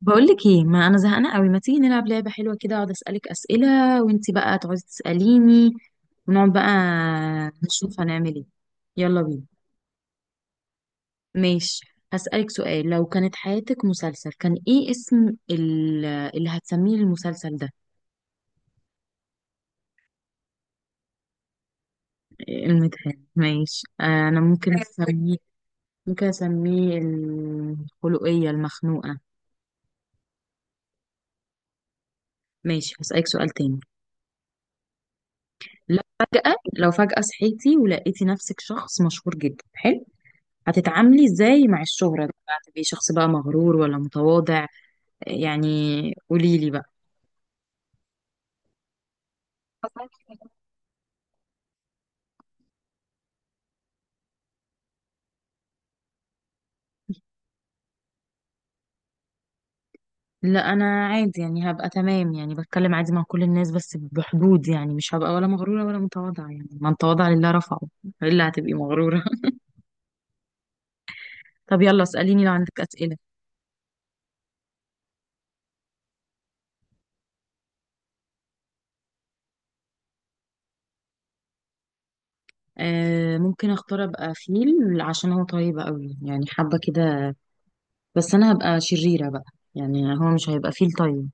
بقولك ايه، ما انا زهقانه قوي. ما تيجي نلعب لعبه حلوه كده، اقعد اسالك اسئله وانتي بقى تقعدي تساليني، ونقعد بقى نشوف هنعمل ايه. يلا بينا. ماشي، هسالك سؤال. لو كانت حياتك مسلسل كان ايه اسم اللي هتسميه المسلسل ده؟ المدحت؟ ماشي، انا ممكن اسميه، ممكن اسميه الخلقيه المخنوقه. ماشي، هسالك سؤال تاني. لو فجاه صحيتي ولقيتي نفسك شخص مشهور جدا، حلو. هتتعاملي ازاي مع الشهرة دي بقى؟ هتبقي شخص بقى مغرور ولا متواضع؟ يعني قوليلي بقى. لا، انا عادي يعني، هبقى تمام يعني، بتكلم عادي مع كل الناس بس بحدود، يعني مش هبقى ولا مغرورة ولا متواضعة، يعني من تواضع لله رفعه. الا هتبقي مغرورة؟ طب يلا اسأليني لو عندك أسئلة. آه، ممكن اختار ابقى فيل عشان هو طيب قوي، يعني حابة كده. بس انا هبقى شريرة بقى، يعني هو مش هيبقى فيل طيب.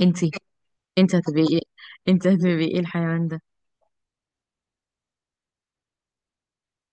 انتي انت هتبقي ايه؟ انت هتبقي ايه الحيوان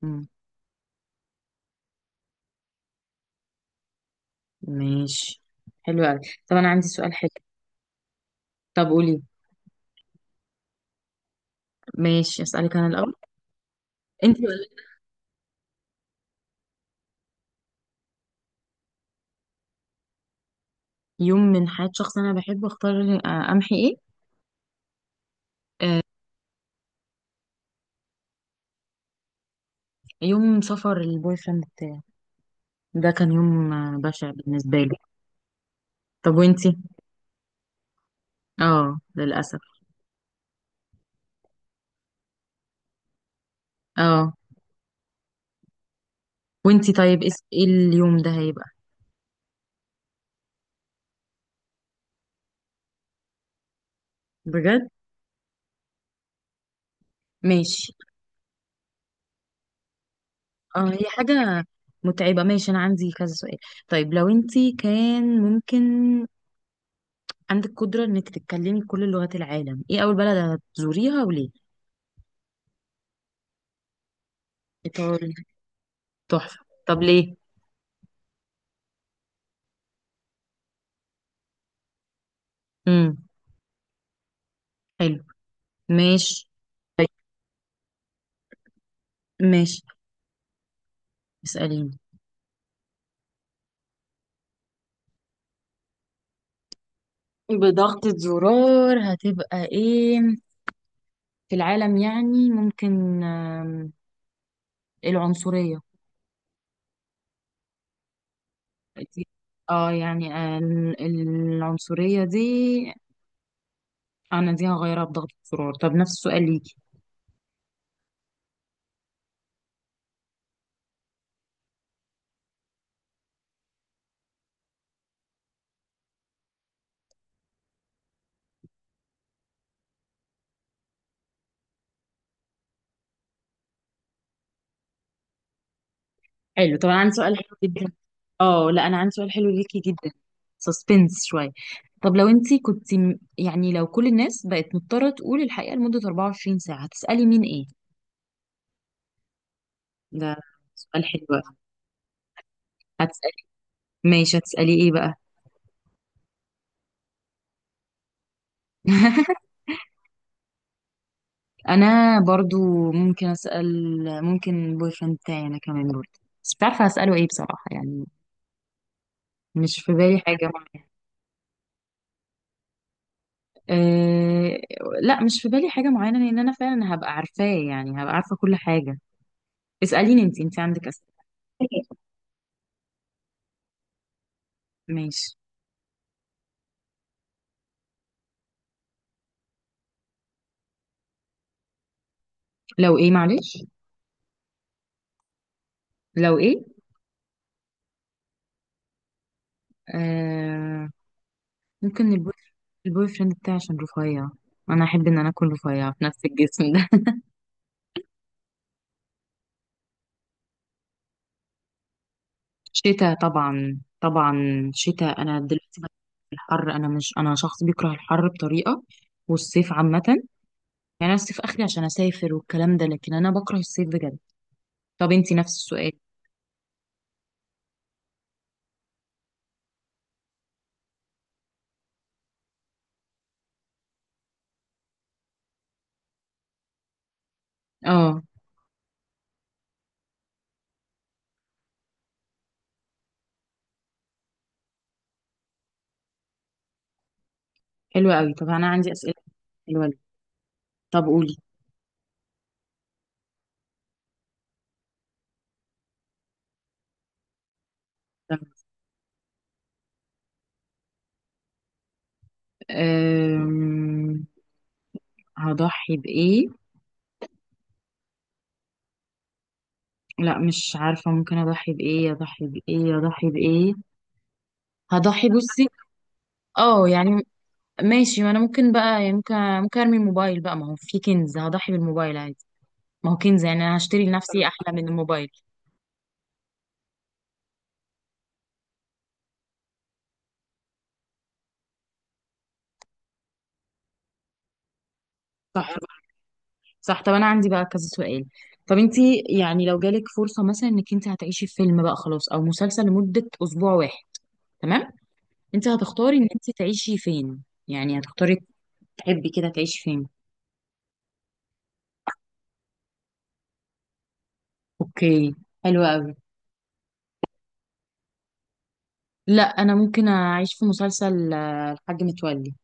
ده؟ ماشي. حلو قوي. طب انا عندي سؤال حلو. طب قولي. ماشي، اسالك انا الاول. انت يوم من حياة شخص انا بحبه اختار، آه، امحي ايه؟ آه، يوم سفر البوي فريند بتاعي، ده كان يوم، آه، بشع بالنسبة لي. طب وانتي؟ اه، للاسف. اه. وانتي طيب ايه اليوم ده هيبقى؟ بجد؟ ماشي. اه، هي حاجة متعبة. ماشي، انا عندي كذا سؤال. طيب، لو انتي كان ممكن عندك قدرة انك تتكلمي كل لغات العالم، ايه اول بلد هتزوريها وليه؟ إيطالي، تحفة. طب ليه؟ امم حلو، ماشي، طيب، ماشي. اسأليني. بضغطة زرار هتبقى ايه في العالم؟ يعني ممكن، العنصرية. دي- اه يعني، العنصرية دي، انا دي هغيرها بضغطة زرار. طب نفس السؤال ليكي. حلو. طبعا عندي سؤال حلو جدا. اه لا، انا عندي سؤال حلو ليكي جدا. سسبنس شويه. طب لو انت كنت، يعني لو كل الناس بقت مضطره تقول الحقيقه لمده 24 ساعه، هتسالي مين ايه؟ ده سؤال حلو أوي. هتسالي. ماشي، هتسالي ايه بقى؟ انا برضو ممكن اسال، ممكن بوي فريند بتاعي انا كمان برضو، بس مش عارفه هساله ايه بصراحه يعني. مش في بالي حاجه معينه. أه، لا مش في بالي حاجه معينه لان انا فعلا هبقى عارفاه، يعني هبقى عارفه كل حاجه. اسأليني انت. عندك أسئلة؟ أوكي. ماشي. لو ايه، معلش؟ لو ايه؟ آه، ممكن البوي، البوي فريند بتاعي عشان رفيع، انا احب ان انا اكون رفيع في نفس الجسم ده. شتاء طبعا، طبعا شتاء. انا دلوقتي بكره الحر، انا مش، انا شخص بيكره الحر بطريقة، والصيف عامة يعني. انا الصيف اخري عشان اسافر والكلام ده، لكن انا بكره الصيف بجد. طب انت نفس السؤال؟ اه، حلو قوي. طب انا عندي أسئلة حلوة ليك. طب قولي. طب، آه، هضحي بإيه؟ لا مش عارفة، ممكن أضحي بإيه؟ أضحي بإيه؟ أضحي بإيه؟ هضحي، بصي، اه يعني، ماشي، ما أنا ممكن بقى، يعني ممكن، ممكن أرمي الموبايل بقى، ما هو في كنز، هضحي بالموبايل عادي، ما هو كنز، يعني أنا هشتري لنفسي أحلى من الموبايل. صح، صح. طب أنا عندي بقى كذا سؤال. طب انتي يعني لو جالك فرصة مثلا انك انت هتعيشي في فيلم بقى خلاص او مسلسل لمدة اسبوع واحد، تمام، انت هتختاري ان انت تعيشي فين؟ يعني هتختاري تحبي كده تعيشي فين؟ اوكي، حلو قوي. لا انا ممكن اعيش في مسلسل، آه، الحاج متولي.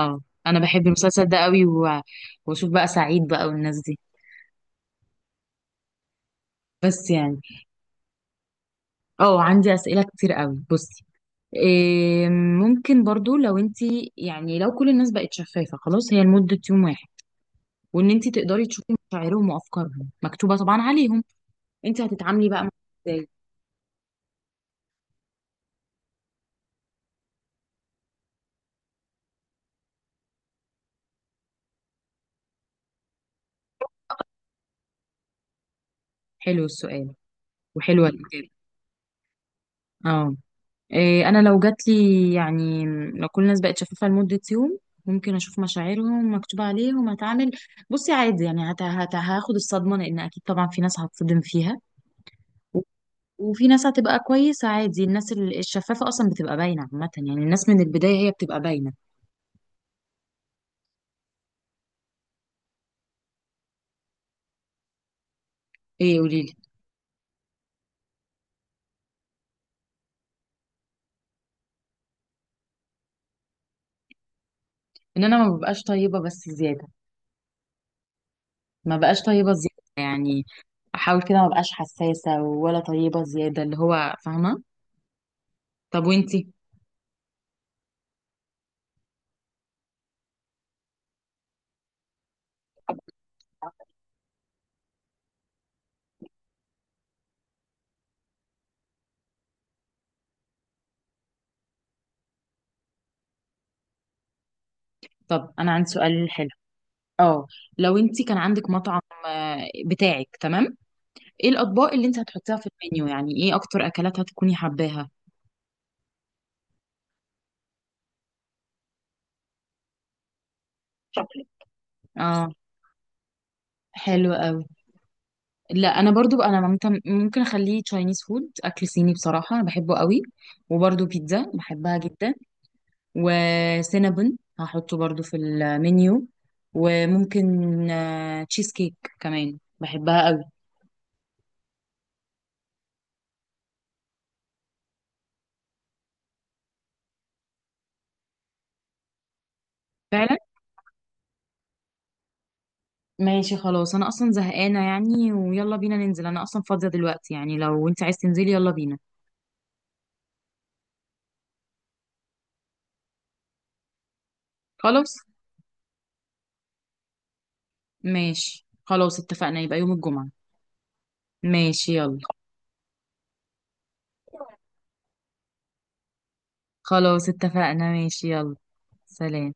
اه، انا بحب المسلسل ده قوي، و... واشوف بقى سعيد بقى والناس دي. بس يعني. اه، عندي اسئله كتير قوي، بصي. إيه، ممكن برضو لو انتي، يعني لو كل الناس بقت شفافه خلاص هي لمده يوم واحد، وان انتي تقدري تشوفي مشاعرهم وافكارهم مكتوبه طبعا عليهم، انتي هتتعاملي بقى مع ازاي؟ حلو السؤال. وحلوه الاجابه. اه، إيه، انا لو جات لي، يعني لو كل الناس بقت شفافه لمده يوم، ممكن اشوف مشاعرهم مكتوب عليهم، هتعامل بصي عادي يعني، هاخد الصدمه لان اكيد طبعا في ناس هتصدم فيها. و- وفي ناس هتبقى كويسه عادي، الناس الشفافه اصلا بتبقى باينه عامه، يعني الناس من البدايه هي بتبقى باينه. ايه، قولي لي. ان انا ما ببقاش طيبه بس زياده. ما بقاش طيبه زياده يعني، احاول كده ما بقاش حساسه ولا طيبه زياده، اللي هو فاهمه. طب وانتي؟ طب انا عندي سؤال حلو. اه، لو انت كان عندك مطعم، آه، بتاعك، تمام، ايه الاطباق اللي انت هتحطيها في المنيو؟ يعني ايه اكتر اكلات هتكوني حباها؟ اه، حلو قوي. لا انا برضو بقى، انا ممكن، ممكن اخليه تشاينيز فود، اكل صيني، بصراحه انا بحبه قوي. وبرضو بيتزا بحبها جدا. وسينابون هحطه برضو في المنيو. وممكن، آه، تشيز كيك كمان بحبها قوي. فعلا. ماشي خلاص، انا اصلا زهقانه يعني، ويلا بينا ننزل، انا اصلا فاضيه دلوقتي يعني، لو انت عايز تنزلي يلا بينا. خلاص ماشي، خلاص اتفقنا، يبقى يوم الجمعه. ماشي، يلا. خلاص اتفقنا، ماشي، يلا. سلام.